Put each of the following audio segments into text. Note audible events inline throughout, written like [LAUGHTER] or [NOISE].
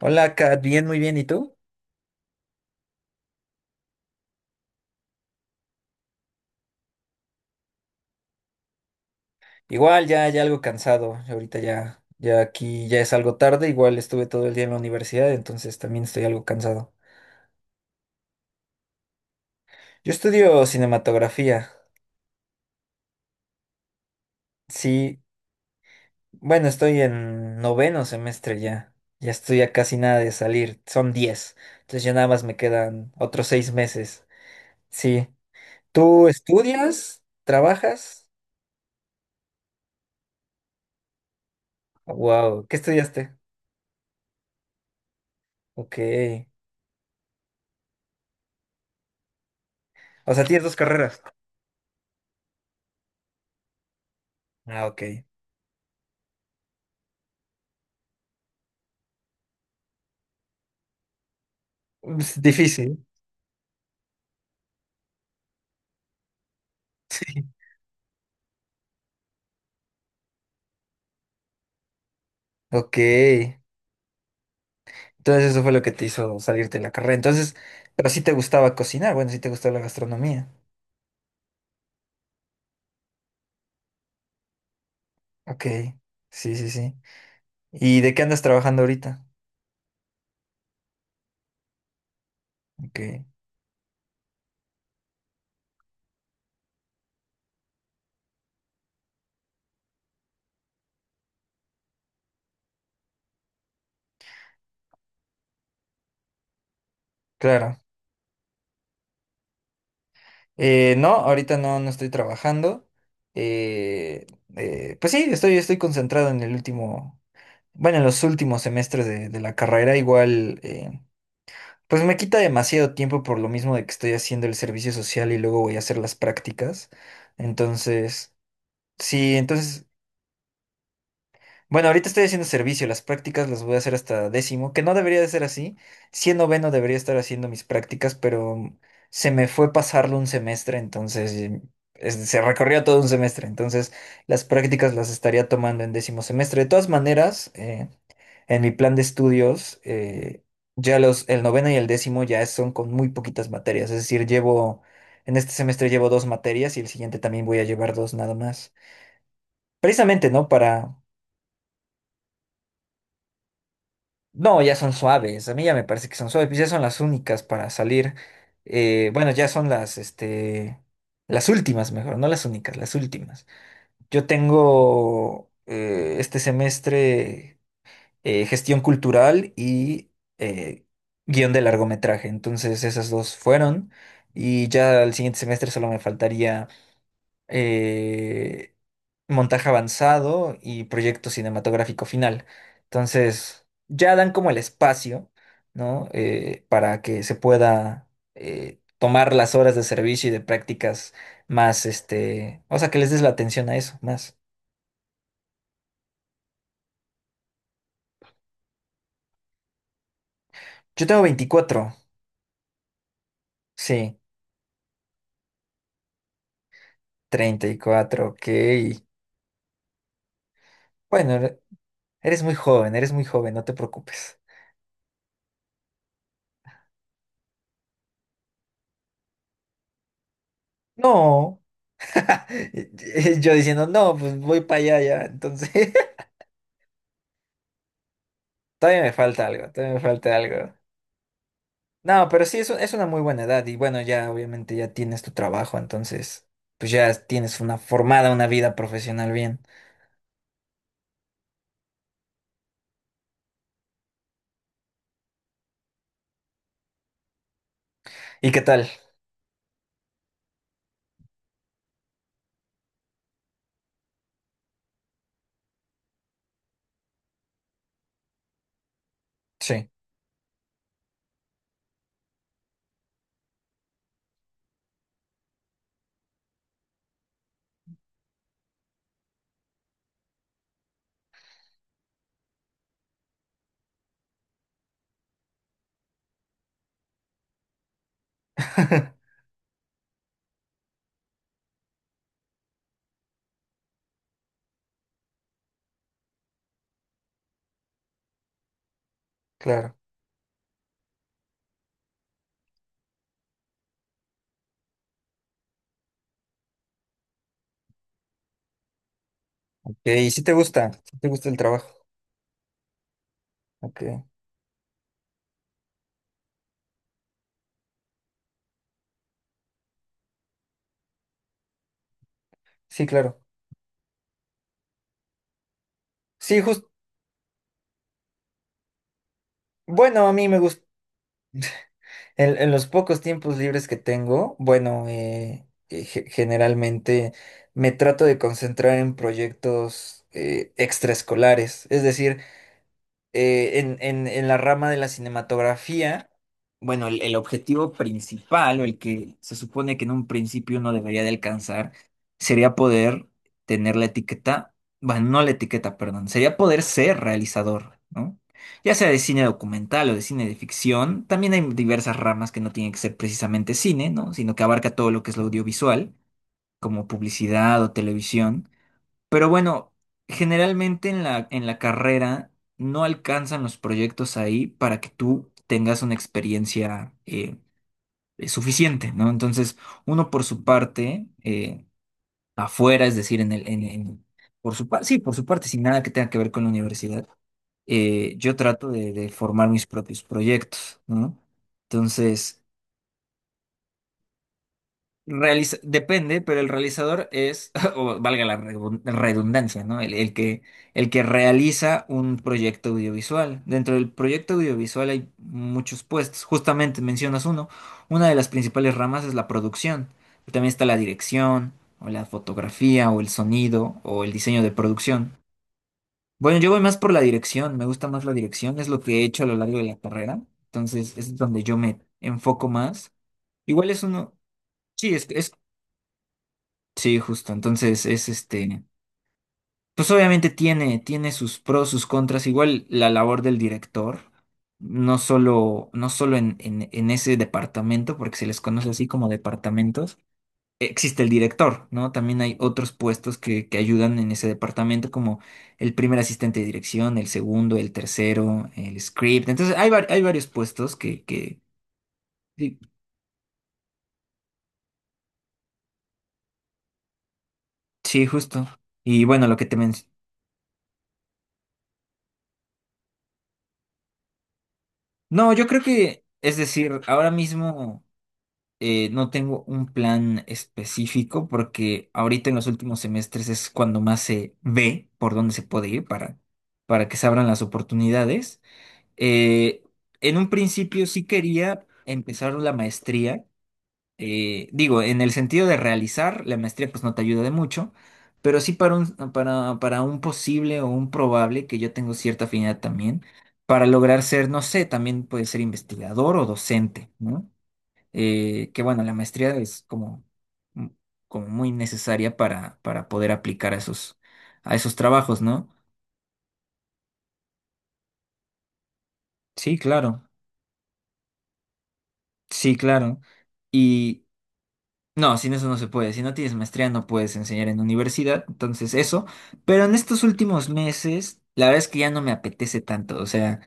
Hola, Kat, bien, muy bien, ¿y tú? Igual, ya, ya algo cansado, ya ahorita ya, ya aquí ya es algo tarde, igual estuve todo el día en la universidad, entonces también estoy algo cansado. Yo estudio cinematografía, sí, bueno, estoy en noveno semestre ya, ya estoy a casi nada de salir, son 10, entonces ya nada más me quedan otros 6 meses, sí. ¿Tú estudias? ¿Trabajas? Wow, ¿qué estudiaste? Ok, o sea, tienes dos carreras. Ah, ok. Es difícil. [LAUGHS] Ok. Entonces eso fue lo que te hizo salirte de la carrera. Entonces, pero sí te gustaba cocinar, bueno, sí te gustaba la gastronomía. Ok. Sí, sí, sí. ¿Y de qué andas trabajando ahorita? Ok. Claro. No, ahorita no, no estoy trabajando. Eh, pues sí, estoy, estoy concentrado en el último, bueno, en los últimos semestres de la carrera. Igual, pues me quita demasiado tiempo por lo mismo de que estoy haciendo el servicio social y luego voy a hacer las prácticas. Entonces, sí, entonces. Bueno, ahorita estoy haciendo servicio, las prácticas las voy a hacer hasta décimo, que no debería de ser así. Sí, en noveno debería estar haciendo mis prácticas, pero se me fue pasarlo un semestre, entonces se recorrió todo un semestre, entonces las prácticas las estaría tomando en décimo semestre. De todas maneras, en mi plan de estudios, ya el noveno y el décimo ya son con muy poquitas materias, es decir, llevo, en este semestre llevo dos materias y el siguiente también voy a llevar dos nada más. Precisamente, ¿no? Para. No, ya son suaves. A mí ya me parece que son suaves. Pues ya son las únicas para salir. Bueno, ya son las, este, las últimas mejor, no las únicas, las últimas. Yo tengo este semestre gestión cultural y eh, guión de largometraje. Entonces esas dos fueron. Y ya el siguiente semestre solo me faltaría eh, montaje avanzado y proyecto cinematográfico final. Entonces, ya dan como el espacio, ¿no? Para que se pueda tomar las horas de servicio y de prácticas más, este, o sea, que les des la atención a eso, más. Yo tengo 24. Sí, 34, ok. Bueno, eres muy joven, no te preocupes. No, [LAUGHS] yo diciendo, no, pues voy para allá ya, entonces. Todavía me falta algo, todavía me falta algo. No, pero sí, es una muy buena edad y bueno, ya obviamente ya tienes tu trabajo, entonces pues ya tienes una formada, una vida profesional bien. ¿Y qué tal? Sí, [LAUGHS] claro. Ok, y si te gusta, si te gusta el trabajo. Ok, sí, claro. Sí, justo, bueno, a mí me gusta, en los pocos tiempos libres que tengo, bueno, generalmente me trato de concentrar en proyectos extraescolares, es decir, en la rama de la cinematografía, bueno, el objetivo principal o el que se supone que en un principio uno debería de alcanzar sería poder tener la etiqueta, bueno, no la etiqueta, perdón, sería poder ser realizador, ¿no? Ya sea de cine documental o de cine de ficción, también hay diversas ramas que no tienen que ser precisamente cine, ¿no? Sino que abarca todo lo que es lo audiovisual, como publicidad o televisión. Pero bueno, generalmente en la carrera no alcanzan los proyectos ahí para que tú tengas una experiencia suficiente, ¿no? Entonces, uno por su parte, afuera, es decir, en el, en- por su parte, sí, por su parte, sin nada que tenga que ver con la universidad, yo trato de formar mis propios proyectos, ¿no? Entonces, depende, pero el realizador es, [LAUGHS] o valga la redundancia, ¿no? El que realiza un proyecto audiovisual. Dentro del proyecto audiovisual hay muchos puestos. Justamente mencionas uno. Una de las principales ramas es la producción. También está la dirección, o la fotografía, o el sonido, o el diseño de producción. Bueno, yo voy más por la dirección. Me gusta más la dirección. Es lo que he hecho a lo largo de la carrera. Entonces, es donde yo me enfoco más. Igual es uno. Sí, es. Sí, justo. Entonces es este, pues obviamente tiene sus pros, sus contras. Igual la labor del director, no solo, no solo en ese departamento, porque se les conoce así como departamentos, existe el director, ¿no? También hay otros puestos que ayudan en ese departamento, como el primer asistente de dirección, el segundo, el tercero, el script. Entonces hay varios puestos. Sí, sí, justo. Y bueno, lo que te mencioné. No, yo creo que, es decir, ahora mismo. No tengo un plan específico porque ahorita en los últimos semestres es cuando más se ve por dónde se puede ir para que se abran las oportunidades. Eh, en un principio sí quería empezar la maestría. Digo, en el sentido de realizar, la maestría pues no te ayuda de mucho, pero sí para un posible o un probable, que yo tengo cierta afinidad también, para lograr ser, no sé, también puede ser investigador o docente, ¿no? Que bueno, la maestría es como, mm, como muy necesaria para poder aplicar a esos trabajos, ¿no? Sí, claro, sí, claro. Y no, sin eso no se puede. Si no tienes maestría no puedes enseñar en universidad, entonces eso. Pero en estos últimos meses, la verdad es que ya no me apetece tanto. O sea,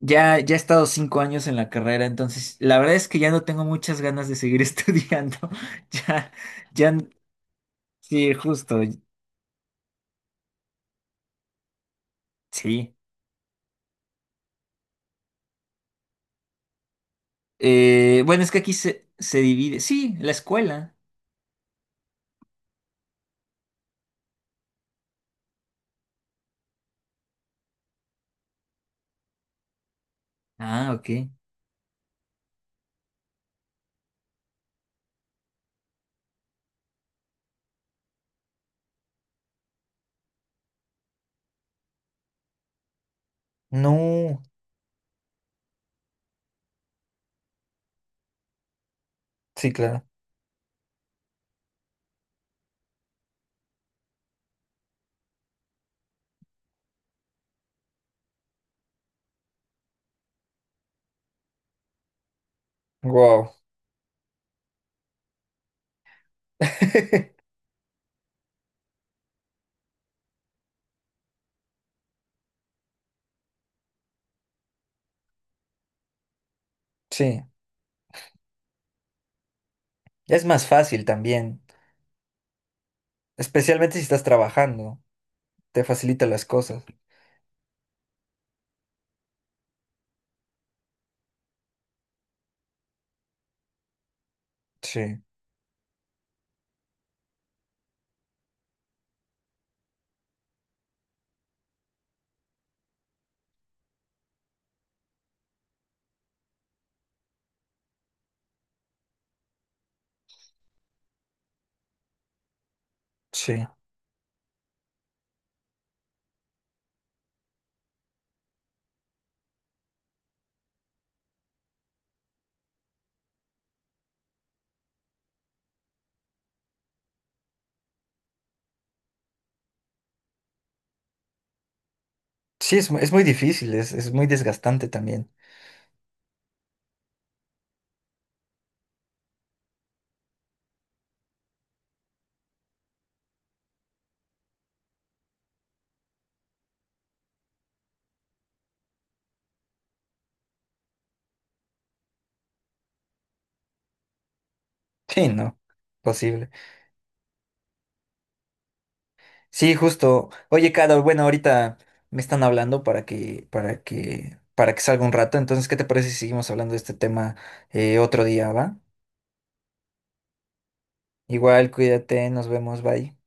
ya, ya he estado 5 años en la carrera, entonces la verdad es que ya no tengo muchas ganas de seguir [LAUGHS] estudiando. Ya, ya, sí, justo, sí. Bueno, es que aquí se divide. Sí, la escuela. Ah, ok. No, sí, claro. Wow. [LAUGHS] Sí, es más fácil también, especialmente si estás trabajando, te facilita las cosas. Sí, sí. Sí, es muy difícil, es muy desgastante también. Sí, no, posible. Sí, justo. Oye, Caro, bueno, ahorita me están hablando para que salga un rato. Entonces, ¿qué te parece si seguimos hablando de este tema otro día, va? Igual, cuídate, nos vemos, bye.